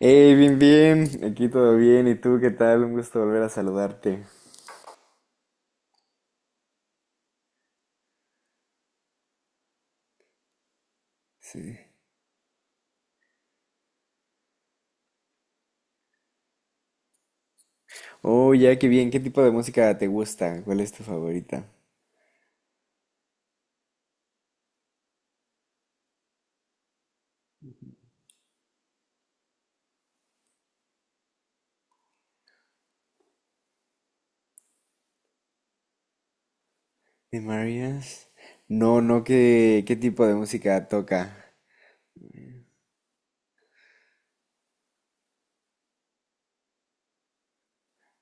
Hey, bien, bien, aquí todo bien, ¿y tú qué tal? Un gusto volver a saludarte. Sí. Oh, ya, qué bien, ¿qué tipo de música te gusta? ¿Cuál es tu favorita? ¿De Marias? No, no, ¿qué tipo de música toca?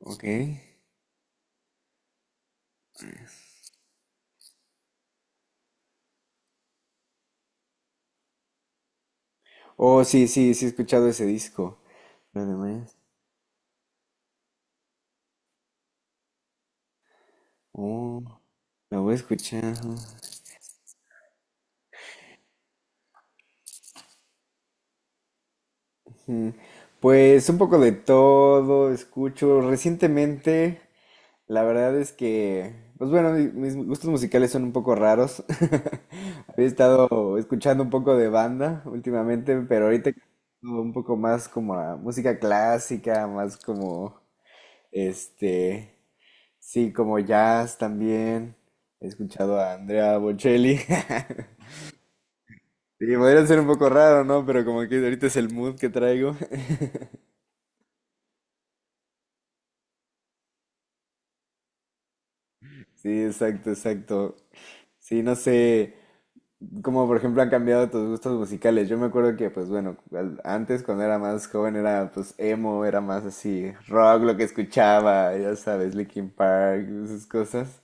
¿Ok? Oh, sí, sí, sí he escuchado ese disco. ¿Lo de Marías? Oh, lo voy a escuchar. Ujú. Pues un poco de todo, escucho recientemente... La verdad es que, pues bueno, mis gustos musicales son un poco raros. Había estado escuchando un poco de banda últimamente, pero ahorita un poco más como a música clásica, más como, este, sí, como jazz también. He escuchado a Andrea Bocelli. Sí, podría ser un poco raro, ¿no? Pero como que ahorita es el mood que traigo. Sí, exacto, exacto. Sí, no sé. Como por ejemplo han cambiado tus gustos musicales. Yo me acuerdo que, pues bueno, antes cuando era más joven era pues emo, era más así rock lo que escuchaba, ya sabes, Linkin Park, esas cosas.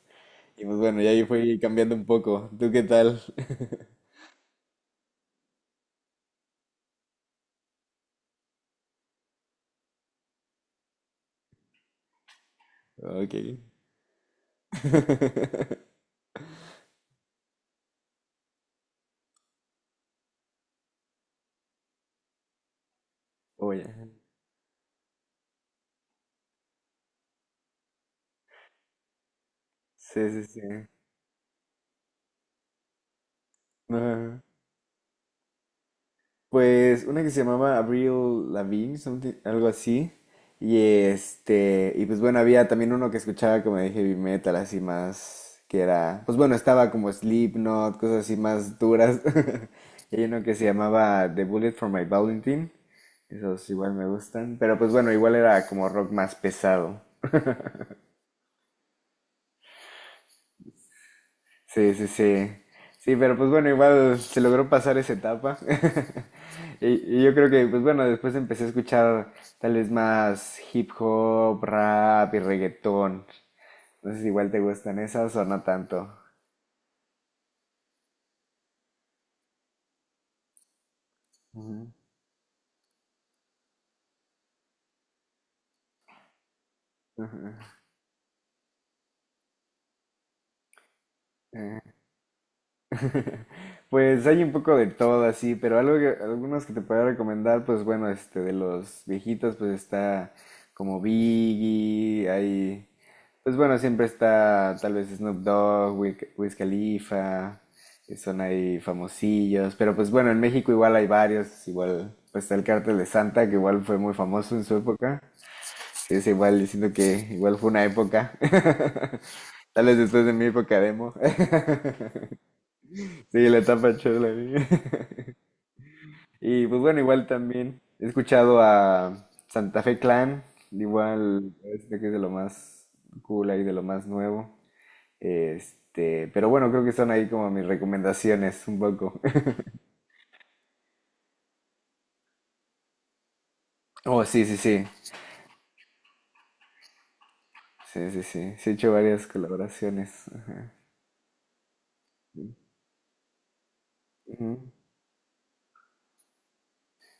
Y pues bueno, ya ahí fui cambiando un poco. ¿Tú qué tal? Ok. Oye. Sí, sí, sí. Pues una que se llamaba Avril Lavigne, algo así. Y este, y pues bueno, había también uno que escuchaba como de heavy metal, así más que era, pues bueno, estaba como Slipknot, cosas así más duras. Y hay uno que se llamaba The Bullet for My Valentine. Esos igual me gustan, pero pues bueno, igual era como rock más pesado. Sí, sí, sí. Sí, pero pues bueno, igual se logró pasar esa etapa. Y yo creo que, pues bueno, después empecé a escuchar tal vez más hip hop, rap y reggaetón. Entonces igual te gustan esas o no tanto. Ujú, ujú, eh. Pues hay un poco de todo así, pero algunos que te puedo recomendar, pues bueno, este, de los viejitos, pues está como Biggie, hay, pues bueno, siempre está tal vez Snoop Dogg, Wiz Khalifa, que son ahí famosillos, pero pues bueno, en México igual hay varios, igual, pues está el Cártel de Santa, que igual fue muy famoso en su época, es igual, diciendo que igual fue una época, tal vez después de mi época demo, sí, la etapa chula. Y pues bueno, igual también he escuchado a Santa Fe Clan, igual parece que es de lo más cool ahí, de lo más nuevo. Este, pero bueno, creo que son ahí como mis recomendaciones un poco. Oh, sí, sí, sí. Sí, sí, sí. Sí he hecho varias colaboraciones. Ajá. Ujú.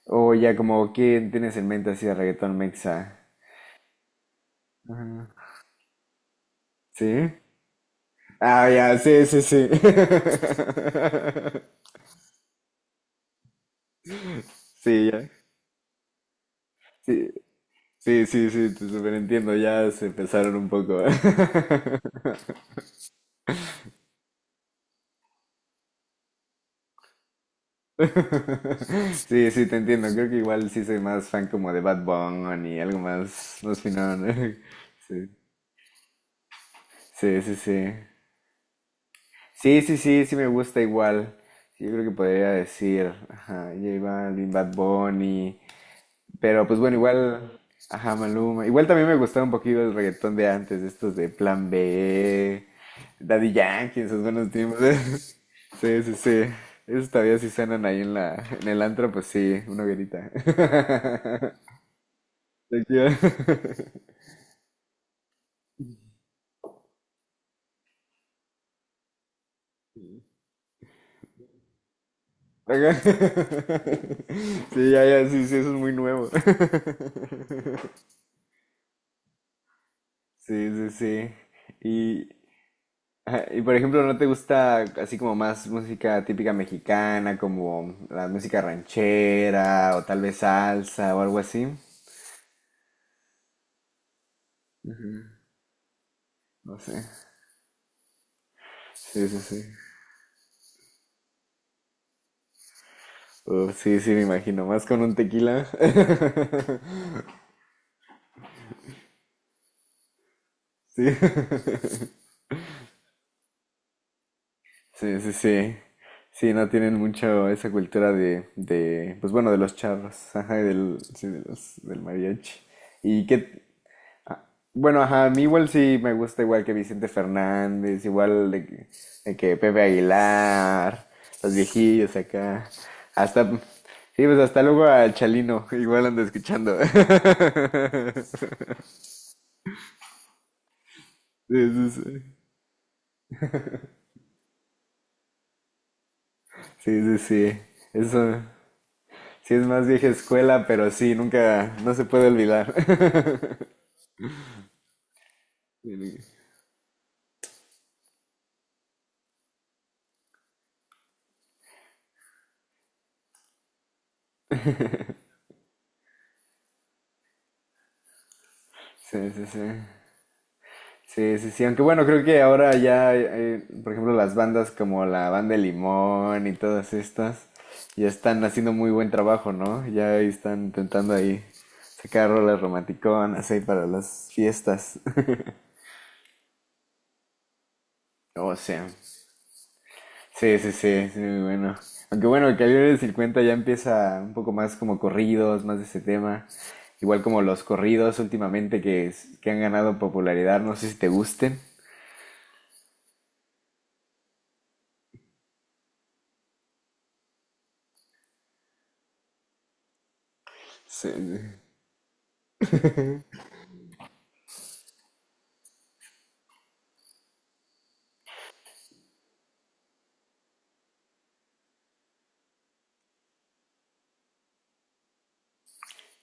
O ya como ¿quién tienes en mente así de reggaetón mexa? Ajá. ¿Sí? Ah, ya, sí, sí, sí. Sí, ya. Sí. Sí, sí, sí, te superentiendo, ya se empezaron un poco. Sí, sí, te entiendo, creo que igual sí soy más fan como de Bad Bunny, algo más, más finón. Sí, sí, sí, sí. Sí, sí, sí, sí me gusta igual. Sí, yo creo que podría decir, ajá, J Balvin, Bad Bunny, pero pues bueno, igual, ajá, Maluma. Igual también me gustaba un poquito el reggaetón de antes, estos de Plan B, Daddy Yankee, esos buenos tiempos. Sí, sí, sí. Esos todavía sí suenan ahí en la, en el antro, pues sí, una hoguerita. Te quiero. Ajá. Sí, ya, ya, sí, sí, eso es muy nuevo. Sí, sí, sí. Y, ajá, y por ejemplo, ¿no te gusta así como más música típica mexicana, como la música ranchera o tal vez salsa o algo así? No sé. Sí, sí, sí. Uf, sí, sí, me imagino. Más con un tequila. Sí. Sí, sí, sí. Sí, no tienen mucho esa cultura de pues bueno, de los charros, ajá, y del, sí, de los, del mariachi. ¿Y qué, bueno, ajá, a mí igual sí me gusta igual que Vicente Fernández, igual de que Pepe Aguilar, los viejillos acá, hasta, sí, pues hasta luego al Chalino, igual ando escuchando. Sí, sí, sí, sí, sí, sí, eso, sí es más vieja escuela, pero sí, nunca, no se puede olvidar. Sí, sí, sí. Sí, sí, sí, aunque bueno, creo que ahora ya, por ejemplo, las bandas como la Banda de Limón y todas estas, ya están haciendo muy buen trabajo, ¿no? Ya están intentando ahí sacar rolas romanticonas ahí para las fiestas. O sea, sí, sí, sí, sí, muy bueno. Aunque bueno, el calibre de cincuenta ya empieza un poco más como corridos, más de ese tema. Igual como los corridos últimamente que, que han ganado popularidad, no sé si te gusten. Sí,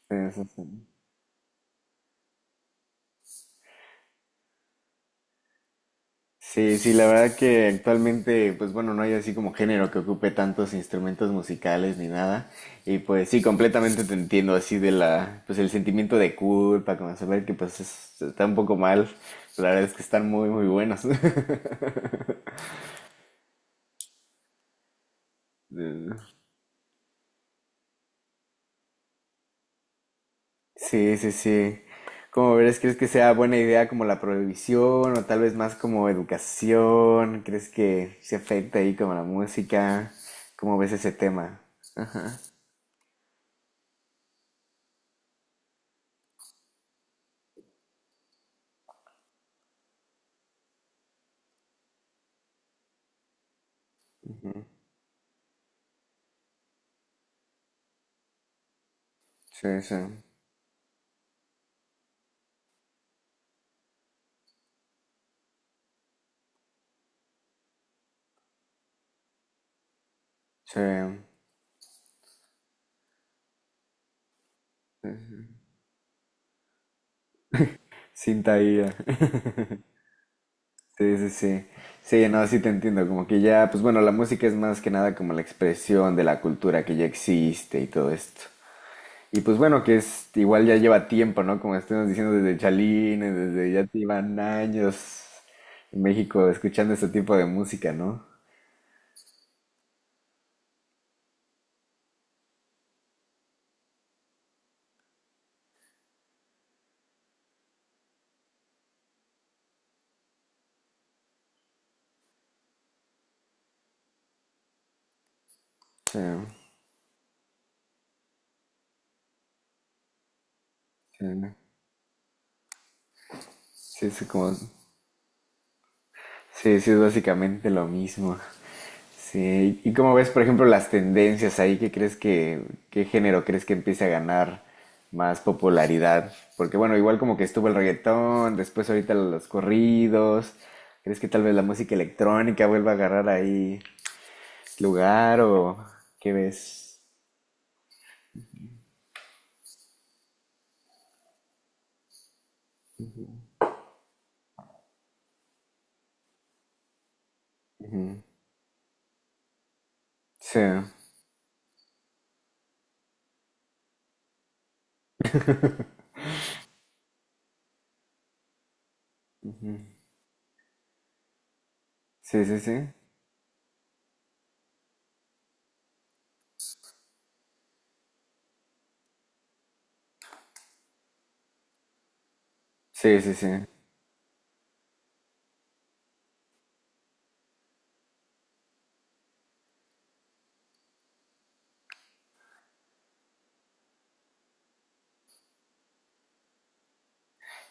sí. Sí, sí, la verdad que actualmente, pues bueno, no hay así como género que ocupe tantos instrumentos musicales ni nada. Y pues sí, completamente te entiendo así de la, pues el sentimiento de culpa, como saber que pues está un poco mal. La verdad es que están muy, muy buenos. Eh, sí, sí, sí. ¿Cómo ves? ¿Crees que sea buena idea como la prohibición o tal vez más como educación? ¿Crees que se afecta ahí como la música? ¿Cómo ves ese tema? Sí, sí, sí. Cinta IA. Sí, sí, sí. Sí, no, sí te entiendo. Como que ya, pues bueno, la música es más que nada como la expresión de la cultura que ya existe y todo esto. Y pues bueno, que es igual ya lleva tiempo, ¿no? Como estuvimos diciendo desde Chalín, desde ya llevan años en México escuchando este tipo de música, ¿no? Sí, sí, sí, es como, sí, sí, es básicamente lo mismo. Sí, ¿y cómo ves, por ejemplo, las tendencias ahí? ¿Qué crees que, qué género crees que empiece a ganar más popularidad? Porque bueno, igual como que estuvo el reggaetón, después ahorita los corridos. ¿Crees que tal vez la música electrónica vuelva a agarrar ahí lugar o qué ves? Sí, sí, sí, sí. Sí, sí, sí.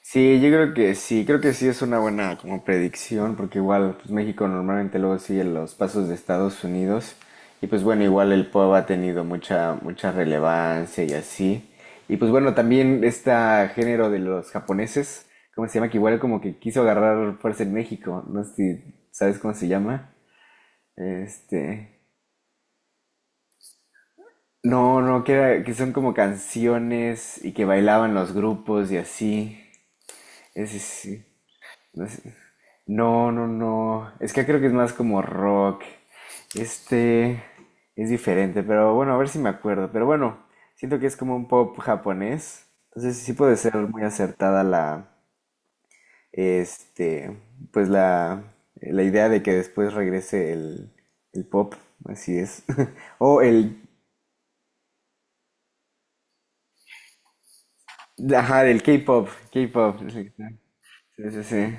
Sí, yo creo que sí es una buena como predicción, porque igual pues, México normalmente luego sigue los pasos de Estados Unidos y pues bueno, igual el POB ha tenido mucha relevancia y así. Y pues bueno, también este género de los japoneses, ¿cómo se llama? Que igual como que quiso agarrar fuerza en México, no sé si sabes cómo se llama. Este, no, no, que son como canciones y que bailaban los grupos y así. Ese sí, no sé. No, no, no. Es que acá creo que es más como rock. Este es diferente, pero bueno, a ver si me acuerdo. Pero bueno, siento que es como un pop japonés. Entonces sí puede ser muy acertada la, este, pues la idea de que después regrese el pop, así es. O el, ajá, el K-pop, K-pop. Sí, sí, sí.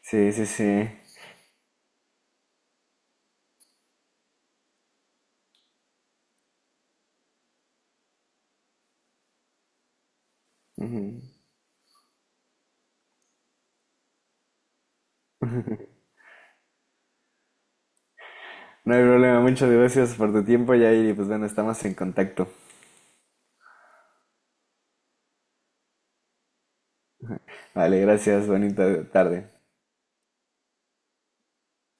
Sí, sí, sí. Ujú. No hay problema, muchas gracias por tu tiempo, Yair, y pues bueno, estamos en contacto. Vale, gracias, bonita tarde.